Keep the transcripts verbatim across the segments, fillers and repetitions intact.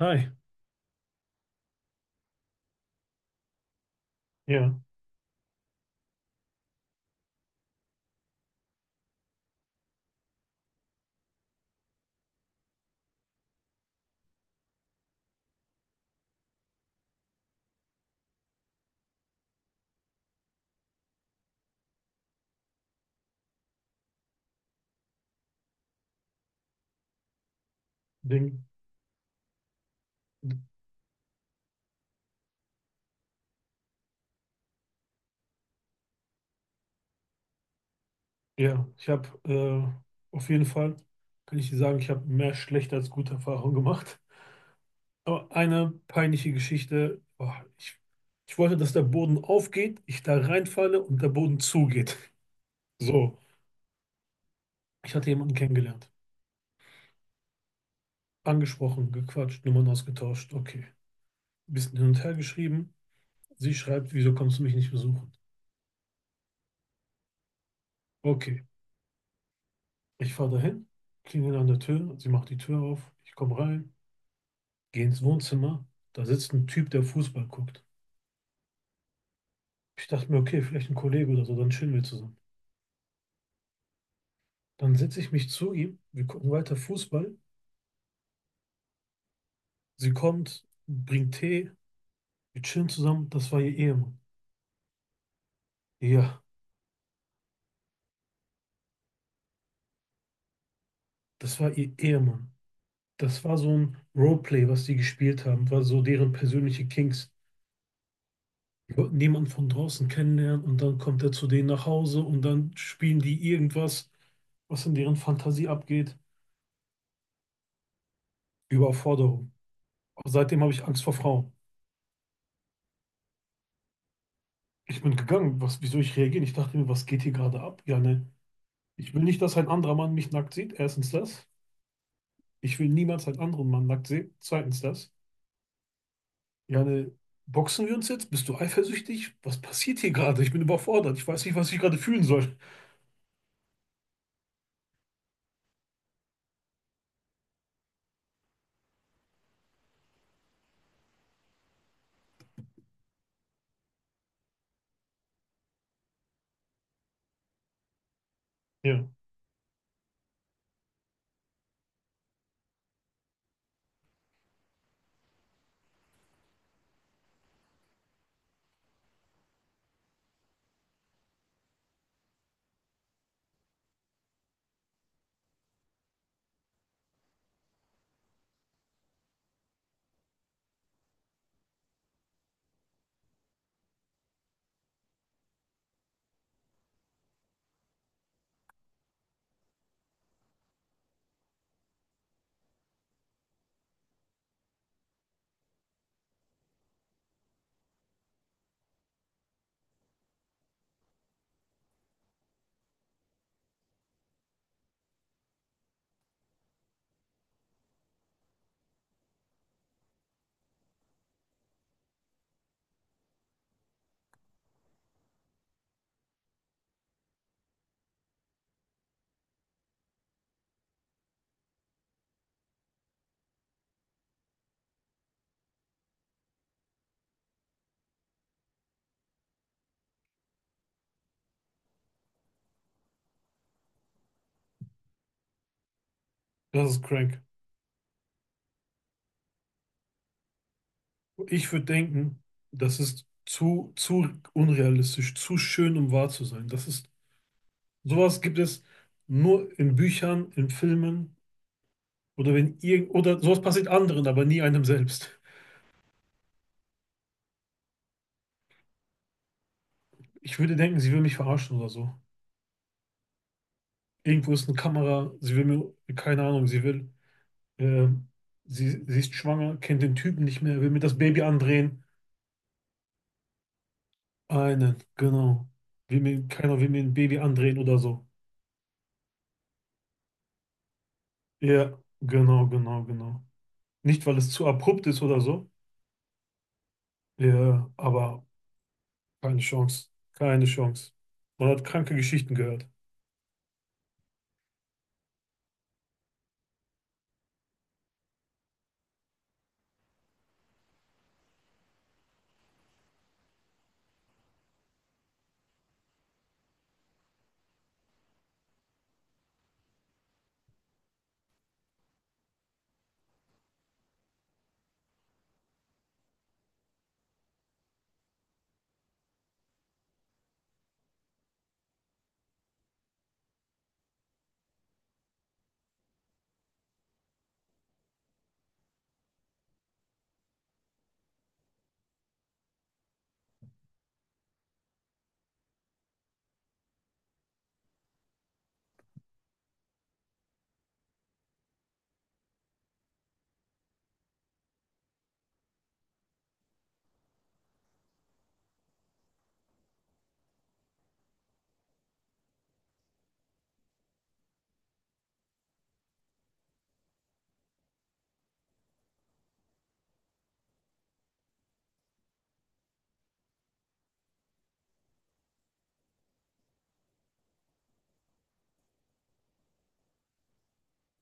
Hi, ja, Ding, ja, ich habe äh, auf jeden Fall, kann ich dir sagen, ich habe mehr schlechte als gute Erfahrungen gemacht. Aber eine peinliche Geschichte, boah, ich, ich wollte, dass der Boden aufgeht, ich da reinfalle und der Boden zugeht. So, ich hatte jemanden kennengelernt, angesprochen, gequatscht, Nummern ausgetauscht, okay. Bisschen hin und her geschrieben, sie schreibt, wieso kommst du mich nicht besuchen? Okay, ich fahre dahin, klingel an der Tür, sie macht die Tür auf, ich komme rein. Geh ins Wohnzimmer, da sitzt ein Typ, der Fußball guckt. Ich dachte mir, okay, vielleicht ein Kollege oder so, dann chillen wir zusammen. Dann setze ich mich zu ihm, wir gucken weiter Fußball. Sie kommt, bringt Tee, wir chillen zusammen. Das war ihr Ehemann. Ja, das war ihr Ehemann. Das war so ein Roleplay, was die gespielt haben, war so deren persönliche Kings. Die wollten niemanden von draußen kennenlernen und dann kommt er zu denen nach Hause und dann spielen die irgendwas, was in deren Fantasie abgeht. Überforderung. Aber seitdem habe ich Angst vor Frauen. Ich bin gegangen. Was, wieso ich reagiere? Ich dachte mir, was geht hier gerade ab? Ja, ne. Ich will nicht, dass ein anderer Mann mich nackt sieht. Erstens das. Ich will niemals einen anderen Mann nackt sehen. Zweitens das. Ja, ne. Boxen wir uns jetzt? Bist du eifersüchtig? Was passiert hier gerade? Ich bin überfordert. Ich weiß nicht, was ich gerade fühlen soll. Ja, das ist crank. Ich würde denken, das ist zu, zu unrealistisch, zu schön, um wahr zu sein. Das ist, sowas gibt es nur in Büchern, in Filmen oder wenn irgend, oder sowas passiert anderen, aber nie einem selbst. Ich würde denken, sie will mich verarschen oder so. Irgendwo ist eine Kamera, sie will mir, keine Ahnung, sie will, äh, sie, sie ist schwanger, kennt den Typen nicht mehr, will mir das Baby andrehen. Einen, genau. Will mir, keiner will mir ein Baby andrehen oder so. Ja, genau, genau, genau. Nicht, weil es zu abrupt ist oder so. Ja, aber keine Chance, keine Chance. Man hat kranke Geschichten gehört.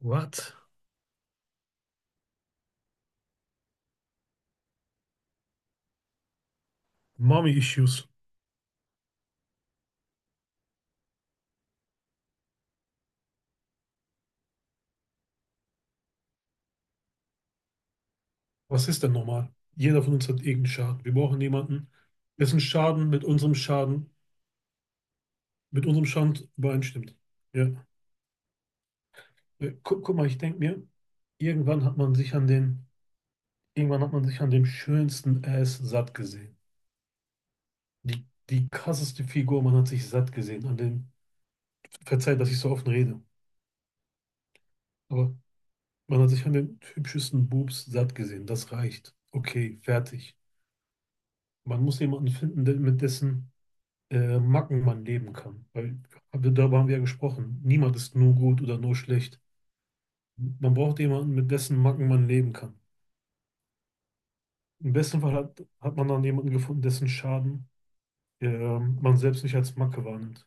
What? Mommy Issues. Was ist denn normal? Jeder von uns hat irgendeinen Schaden. Wir brauchen jemanden, dessen Schaden mit unserem Schaden, mit unserem Schaden übereinstimmt. Ja. Äh, Guck, guck mal, ich denke mir, irgendwann hat man sich an den, irgendwann hat man sich an dem schönsten Ass satt gesehen. Die, die krasseste Figur, man hat sich satt gesehen. An dem, verzeiht, dass ich so offen rede, aber man hat sich an den hübschesten Boobs satt gesehen. Das reicht. Okay, fertig. Man muss jemanden finden, der, mit dessen äh, Macken man leben kann. Weil hab- darüber haben wir ja gesprochen. Niemand ist nur gut oder nur schlecht. Man braucht jemanden, mit dessen Macken man leben kann. Im besten Fall hat, hat man dann jemanden gefunden, dessen Schaden ähm, man selbst nicht als Macke wahrnimmt.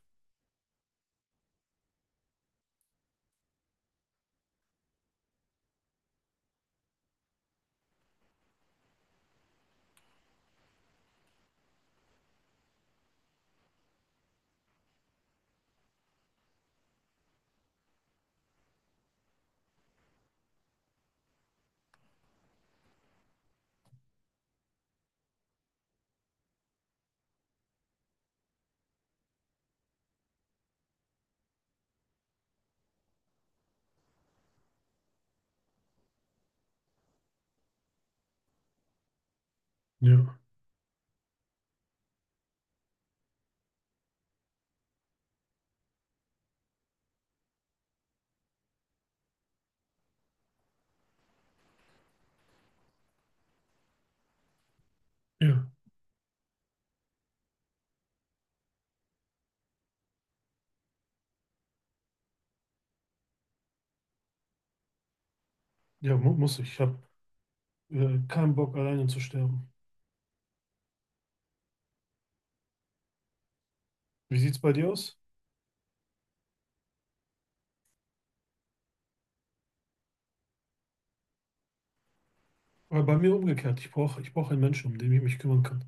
Ja, ja. Ja, mu muss ich. Ich habe äh, keinen Bock, alleine zu sterben. Wie sieht's bei dir aus? Aber bei mir umgekehrt. Ich brauche ich brauch einen Menschen, um den ich mich kümmern kann.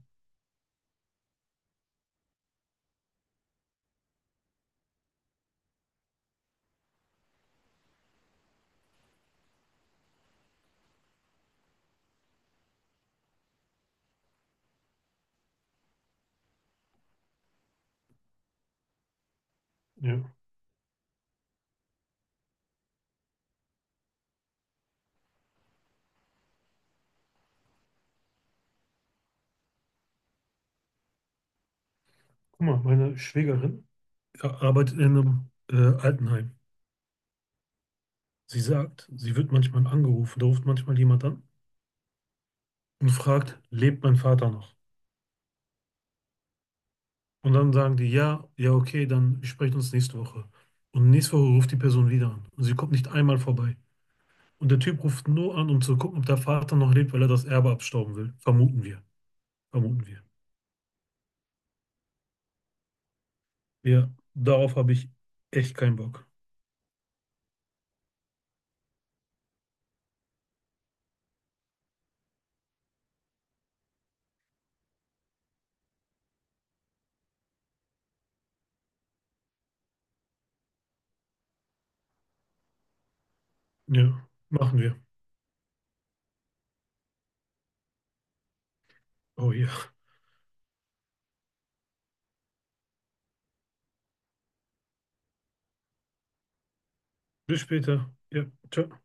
Ja. Guck mal, meine Schwägerin ar- arbeitet in einem äh, Altenheim. Sie sagt, sie wird manchmal angerufen, da ruft manchmal jemand an und fragt, lebt mein Vater noch? Und dann sagen die, ja, ja, okay, dann sprechen uns nächste Woche. Und nächste Woche ruft die Person wieder an. Und sie kommt nicht einmal vorbei. Und der Typ ruft nur an, um zu gucken, ob der Vater noch lebt, weil er das Erbe abstauben will. Vermuten wir. Vermuten wir. Ja, darauf habe ich echt keinen Bock. Ja, machen wir. Oh ja. Bis später. Ja, ciao.